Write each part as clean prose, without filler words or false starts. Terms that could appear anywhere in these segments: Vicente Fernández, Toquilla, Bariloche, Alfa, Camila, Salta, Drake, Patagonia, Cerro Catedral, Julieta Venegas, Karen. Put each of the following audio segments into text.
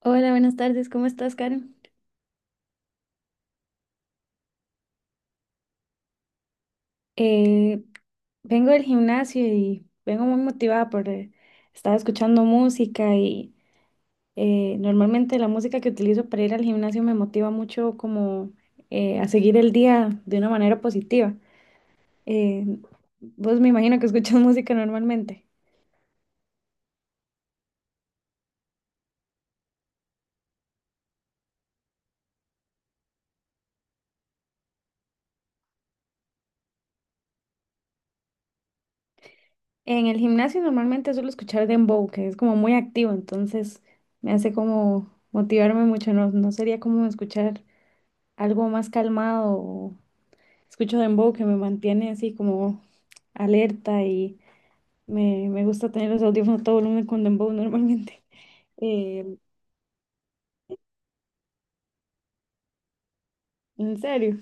Hola, buenas tardes, ¿cómo estás, Karen? Eh, Vengo del gimnasio y vengo muy motivada porque estaba escuchando música y normalmente la música que utilizo para ir al gimnasio me motiva mucho como a seguir el día de una manera positiva. Eh, Vos me imagino que escuchas música normalmente. En el gimnasio normalmente suelo escuchar dembow, que es como muy activo, entonces me hace como motivarme mucho, no, no sería como escuchar algo más calmado. Escucho dembow que me mantiene así como alerta y me gusta tener los audífonos a todo volumen con dembow normalmente. Eh, en serio.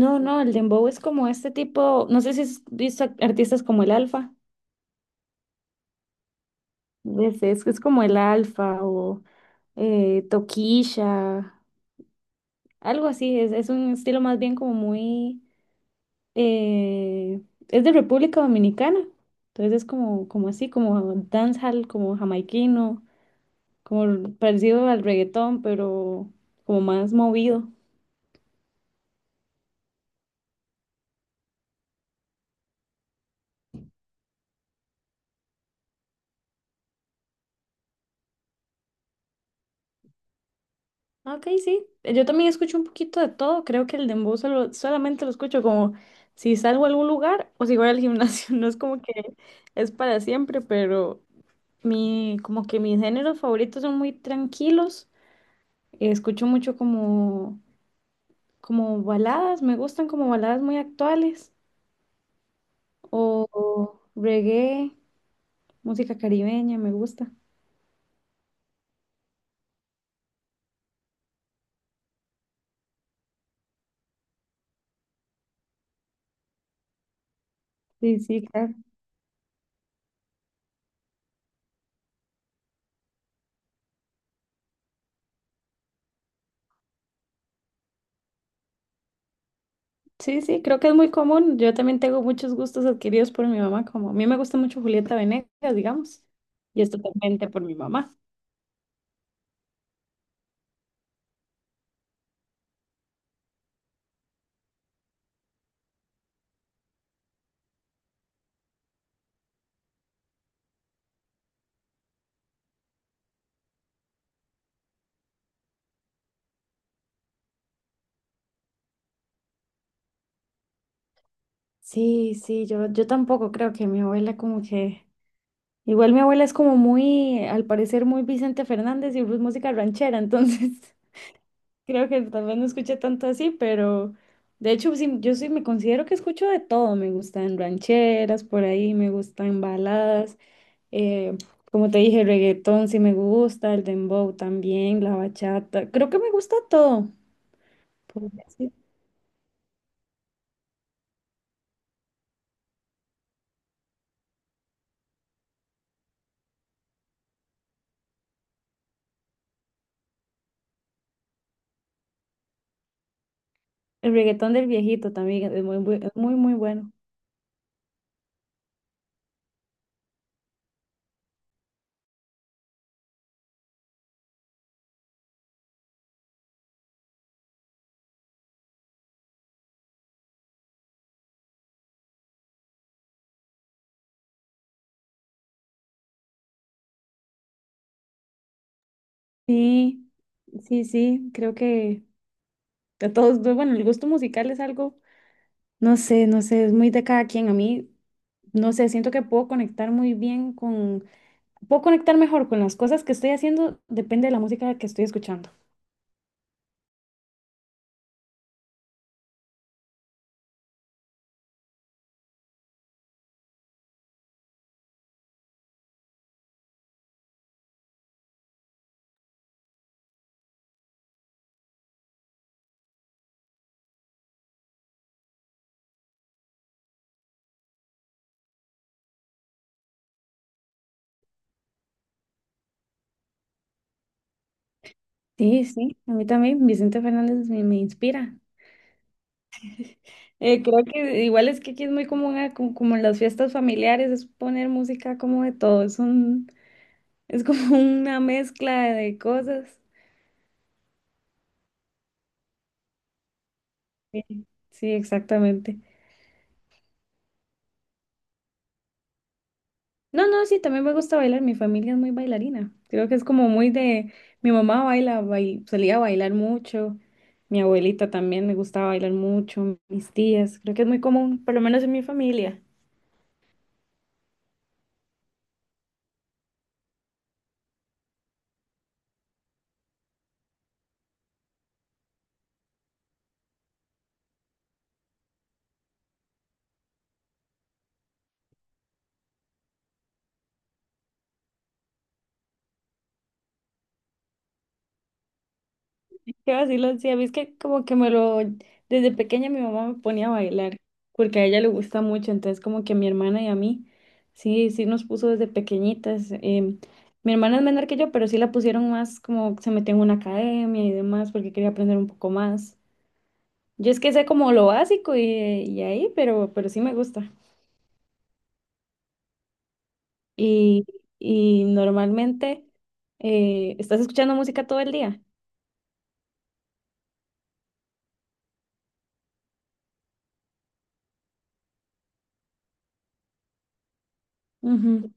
No, no, el dembow es como este tipo, no sé si has visto artistas como el Alfa, es como el Alfa o Toquilla, algo así, es un estilo más bien como muy, eh, es de República Dominicana, entonces es como, como así, como dancehall, como jamaiquino. Como parecido al reggaetón, pero como más movido. Ok, sí. Yo también escucho un poquito de todo. Creo que el dembow solo, solamente lo escucho como si salgo a algún lugar o si voy al gimnasio. No es como que es para siempre, pero mi, como que mis géneros favoritos son muy tranquilos. Escucho mucho como, como baladas. Me gustan como baladas muy actuales o reggae, música caribeña, me gusta. Sí, sí, claro. Sí, sí, creo que es muy común. Yo también tengo muchos gustos adquiridos por mi mamá, como a mí me gusta mucho Julieta Venegas, digamos, y es totalmente por mi mamá. Sí, sí, yo tampoco creo que mi abuela como que... Igual mi abuela es como muy, al parecer, muy Vicente Fernández y pues música ranchera, entonces creo que tal vez no escuché tanto así, pero de hecho sí, yo sí me considero que escucho de todo, me gustan rancheras por ahí, me gustan baladas. Eh, Como te dije, el reggaetón sí me gusta, el dembow también, la bachata. Creo que me gusta todo. Podría decir. El reggaetón del viejito también es muy, es muy, muy bueno. Sí, sí, sí, creo que a todos, bueno, el gusto musical es algo, no sé, no sé, es muy de cada quien. A mí, no sé, siento que puedo conectar muy bien con, puedo conectar mejor con las cosas que estoy haciendo, depende de la música que estoy escuchando. Sí, sí, a mí también Vicente Fernández me inspira. Creo que igual es que aquí es muy común, ah, como, como en las fiestas familiares, es poner música como de todo, es un, es como una mezcla de cosas. Sí, sí, exactamente. No, no, sí, también me gusta bailar, mi familia es muy bailarina, creo que es como muy de, mi mamá baila, solía bailar mucho, mi abuelita también le gustaba bailar mucho, mis tías, creo que es muy común, por lo menos en mi familia. Qué vacilo, sí, a mí es que como que me lo, desde pequeña mi mamá me ponía a bailar, porque a ella le gusta mucho, entonces como que a mi hermana y a mí, sí, sí nos puso desde pequeñitas. Mi hermana es menor que yo, pero sí la pusieron más como se metió en una academia y demás, porque quería aprender un poco más. Yo es que sé como lo básico y ahí, pero sí me gusta. Y, y normalmente, ¿estás escuchando música todo el día? Ujú.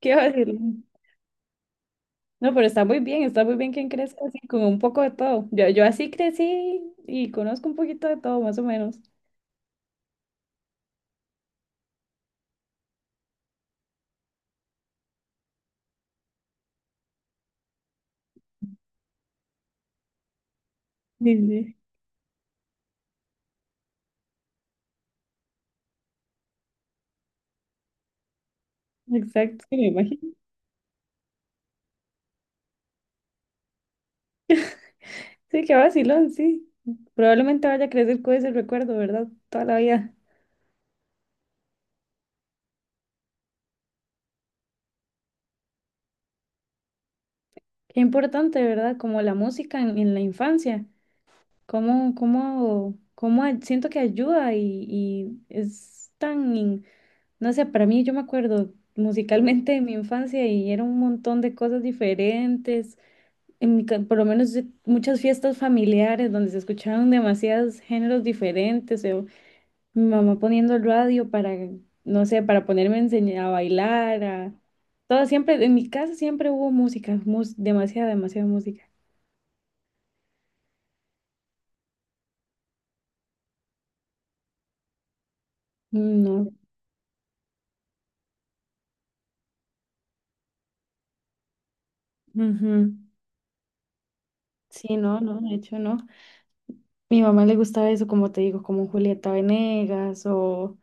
Qué vacilo. No, pero está muy bien que crezca así, con un poco de todo. Yo así crecí y conozco un poquito de todo, más o menos. Sí, sí. Exacto, sí, me imagino. Sí, qué vacilón, sí. Probablemente vaya a crecer con ese recuerdo, ¿verdad? Toda la vida. Qué importante, ¿verdad? Como la música en la infancia. Cómo, cómo, siento que ayuda y es tan, no sé, para mí yo me acuerdo musicalmente de mi infancia y era un montón de cosas diferentes. En mi por lo menos muchas fiestas familiares donde se escuchaban demasiados géneros diferentes, o mi mamá poniendo el radio para, no sé, para ponerme a enseñar a bailar, a todo siempre, en mi casa siempre hubo música, demasiada, demasiada música. Mm. No. Ujú. Sí, no, no, de hecho no. Mi mamá le gustaba eso, como te digo, como Julieta Venegas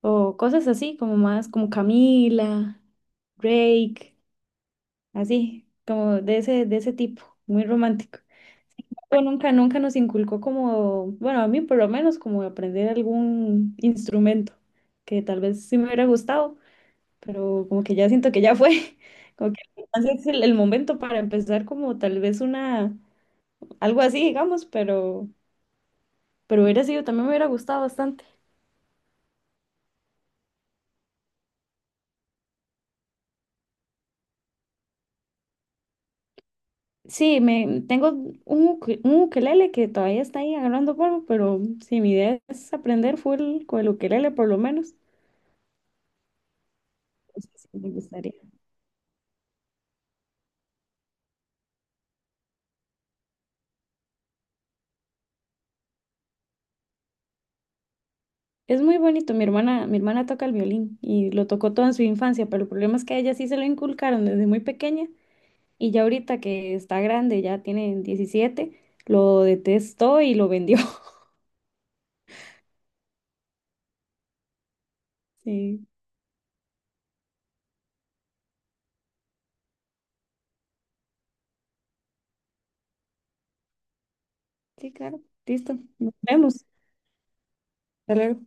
o cosas así, como más como Camila, Drake. Así, como de ese tipo, muy romántico. Sin embargo, nunca, nunca nos inculcó como, bueno, a mí por lo menos como aprender algún instrumento, que tal vez sí me hubiera gustado, pero como que ya siento que ya fue, como que así es el momento para empezar como tal vez una, algo así, digamos, pero hubiera sido, también me hubiera gustado bastante. Sí, me, tengo un, un ukelele que todavía está ahí agarrando polvo, pero sí, mi idea es aprender full con el ukelele por lo menos. Sí, sí, me gustaría. Es muy bonito. Mi hermana toca el violín y lo tocó toda en su infancia, pero el problema es que a ella sí se lo inculcaron desde muy pequeña y ya ahorita que está grande, ya tiene 17, lo detestó y lo vendió. Sí, sí, claro. Listo. Nos vemos. Hasta luego.